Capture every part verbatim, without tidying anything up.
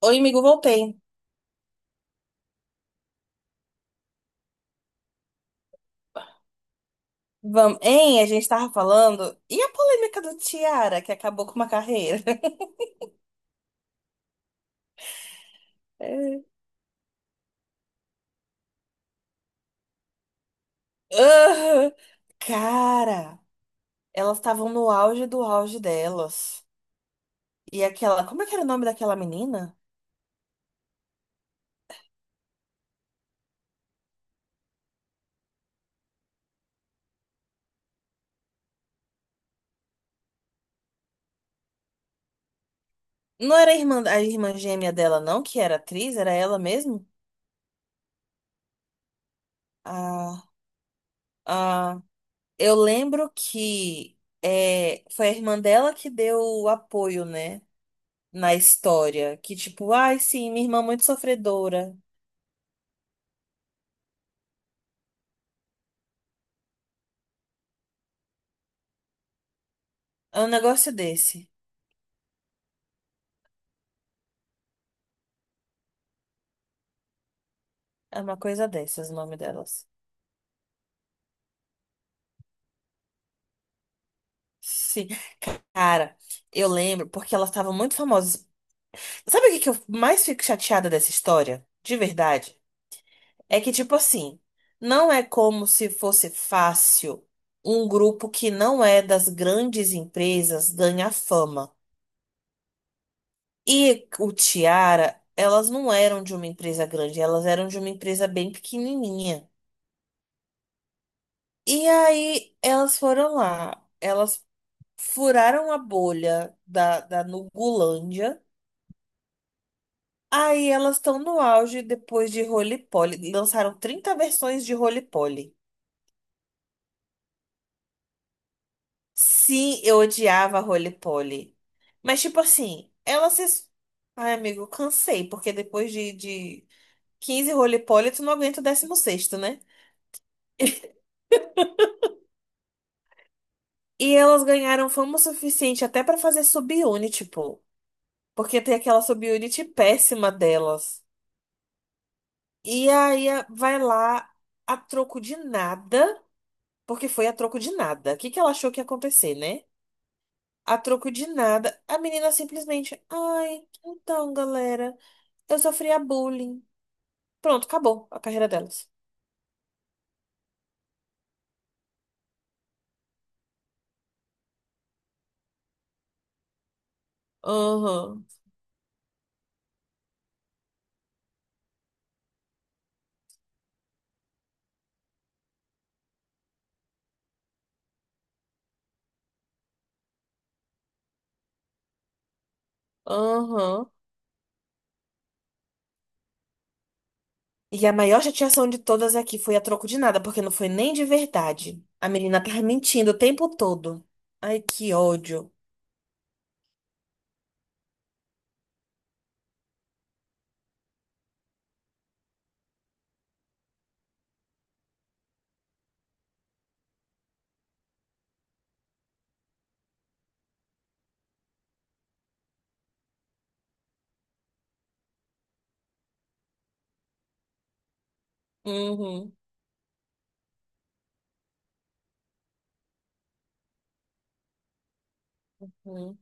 Oi, amigo, voltei. Vamos, hein? A gente tava falando. E a polêmica do Tiara, que acabou com uma carreira? É. Ah, cara, elas estavam no auge do auge delas. E aquela. Como é que era o nome daquela menina? Não era a irmã, a irmã gêmea dela, não, que era atriz, era ela mesmo? Ah, ah, eu lembro que é, foi a irmã dela que deu o apoio, né? Na história. Que tipo, ai, sim, minha irmã é muito sofredora. É um negócio desse. É uma coisa dessas, o nome delas. Sim. Cara, eu lembro porque elas estavam muito famosas. Sabe o que que eu mais fico chateada dessa história? De verdade? É que, tipo assim, não é como se fosse fácil um grupo que não é das grandes empresas ganhar fama. E o Tiara, elas não eram de uma empresa grande, elas eram de uma empresa bem pequenininha. E aí elas foram lá. Elas furaram a bolha da, da Nugulândia. Aí elas estão no auge depois de Roly Poly. Lançaram trinta versões de Roly Poly. Sim, eu odiava Roly Poly. Mas, tipo assim, elas se. Ai, amigo, cansei, porque depois de, de quinze Roly Poly, tu não aguenta o décimo sexto, né? E elas ganharam fama o suficiente até pra fazer subunit, pô. Porque tem aquela subunit péssima delas. E aí a- vai lá a troco de nada. Porque foi a troco de nada. O que que ela achou que ia acontecer, né? A troco de nada, a menina simplesmente, ai, então, galera, eu sofria bullying. Pronto, acabou a carreira delas. Aham, aham. E a maior chateação de todas aqui foi a troco de nada, porque não foi nem de verdade. A menina tava mentindo o tempo todo. Ai, que ódio. Uhum, uhum.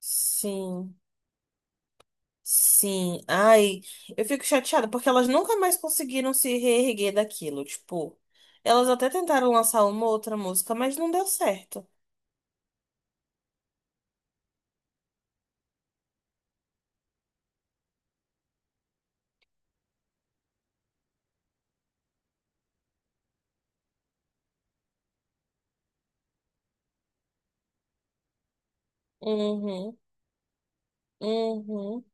Sim. Sim, ai, eu fico chateada porque elas nunca mais conseguiram se reerguer daquilo. Tipo, elas até tentaram lançar uma outra música, mas não deu certo. Uhum, uhum.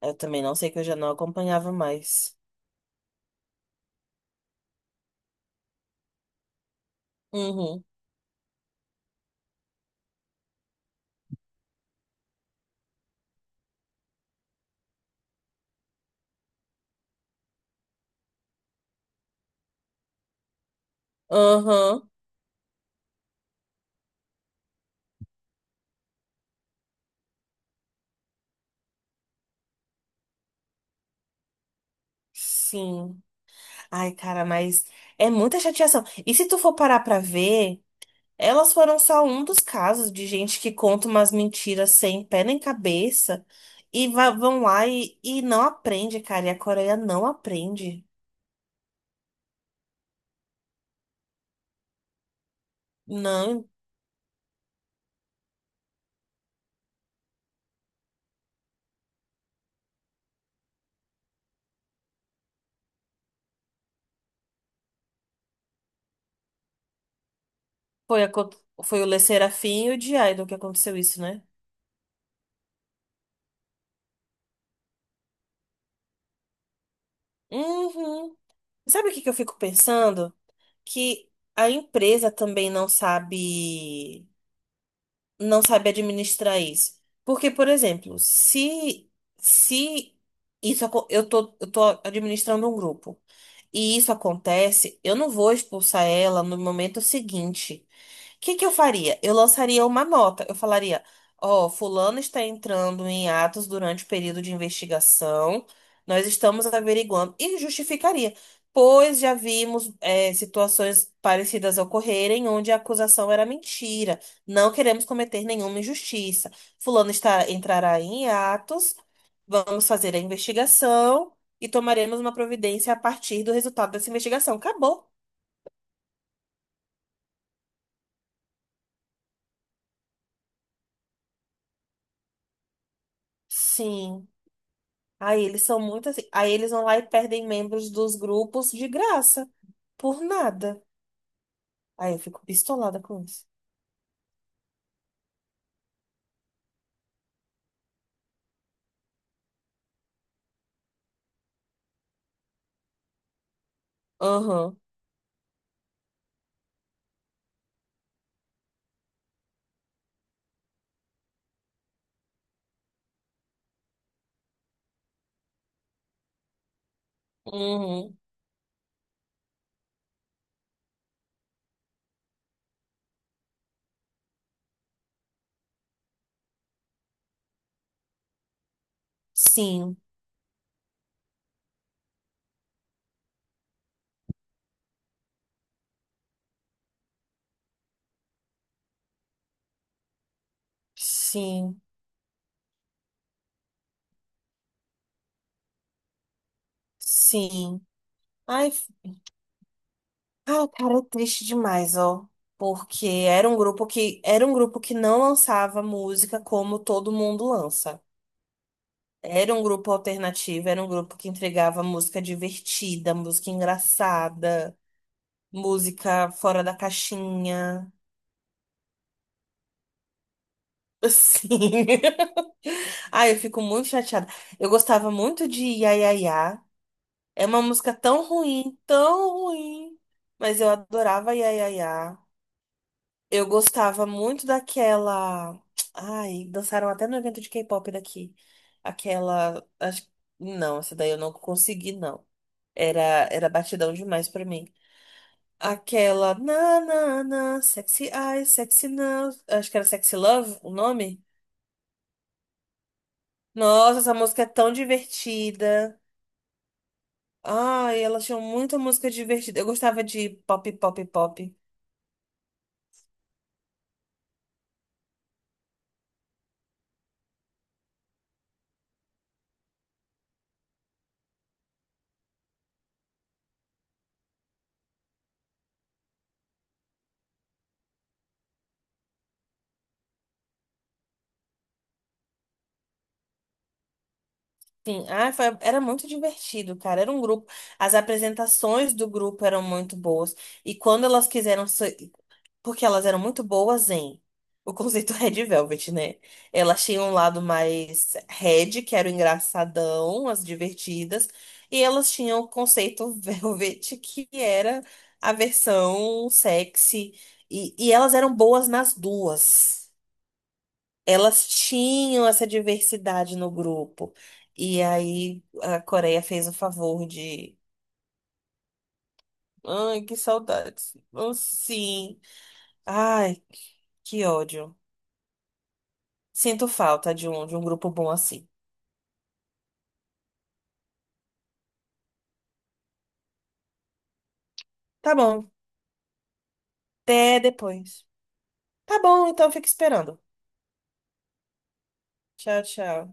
Eu também não sei que eu já não acompanhava mais. Uhum, uhum, sim. Ai, cara, mas é muita chateação. E se tu for parar pra ver. Elas foram só um dos casos de gente que conta umas mentiras sem pé nem cabeça e va- vão lá e, e não aprende, cara. E a Coreia não aprende. Não, foi, a, co- foi o Le Serafim e o de Idol que aconteceu isso, né? Uhum. Sabe o que que eu fico pensando? Que a empresa também não sabe, não sabe administrar isso. Porque, por exemplo, se, se isso, acon- eu tô, eu tô administrando um grupo. E isso acontece, eu não vou expulsar ela no momento seguinte. O que que eu faria? Eu lançaria uma nota. Eu falaria: Ó, fulano está entrando em atos durante o período de investigação. Nós estamos averiguando. E justificaria, pois já vimos é, situações parecidas ocorrerem onde a acusação era mentira. Não queremos cometer nenhuma injustiça. Fulano está, entrará em atos. Vamos fazer a investigação e tomaremos uma providência a partir do resultado dessa investigação. Acabou. Sim. Aí eles são muito assim. Aí eles vão lá e perdem membros dos grupos de graça. Por nada. Aí eu fico pistolada com isso. Aham. Uhum. Sim. Sim. Sim. Ai, f- ai, cara, é triste demais, ó. Porque era um grupo que era um grupo que não lançava música como todo mundo lança. Era um grupo alternativo, era um grupo que entregava música divertida, música engraçada, música fora da caixinha. Sim. Ai, eu fico muito chateada. Eu gostava muito de Iaiaia. É uma música tão ruim, tão ruim. Mas eu adorava Iaiaia. Eu gostava muito daquela. Ai, dançaram até no evento de K-pop daqui. Aquela. acho- Não, essa daí eu não consegui, não. Era, era batidão demais pra mim. Aquela. Na, na, na, sexy eyes, sexy now. Acho que era Sexy Love o nome. Nossa, essa música é tão divertida. Ai, elas tinham muita música divertida. Eu gostava de pop, pop, pop. Sim, ah, foi, era muito divertido, cara. Era um grupo. As apresentações do grupo eram muito boas. E quando elas quiseram. se- Porque elas eram muito boas em. O conceito Red Velvet, né? Elas tinham um lado mais Red, que era o engraçadão, as divertidas. E elas tinham o conceito Velvet, que era a versão sexy. E, e elas eram boas nas duas. Elas tinham essa diversidade no grupo. E aí a Coreia fez o favor de. Ai, que saudades. Oh, sim. Ai, que ódio. Sinto falta de um, de um grupo bom assim. Tá bom. Até depois. Tá bom, então fica esperando. Tchau, tchau.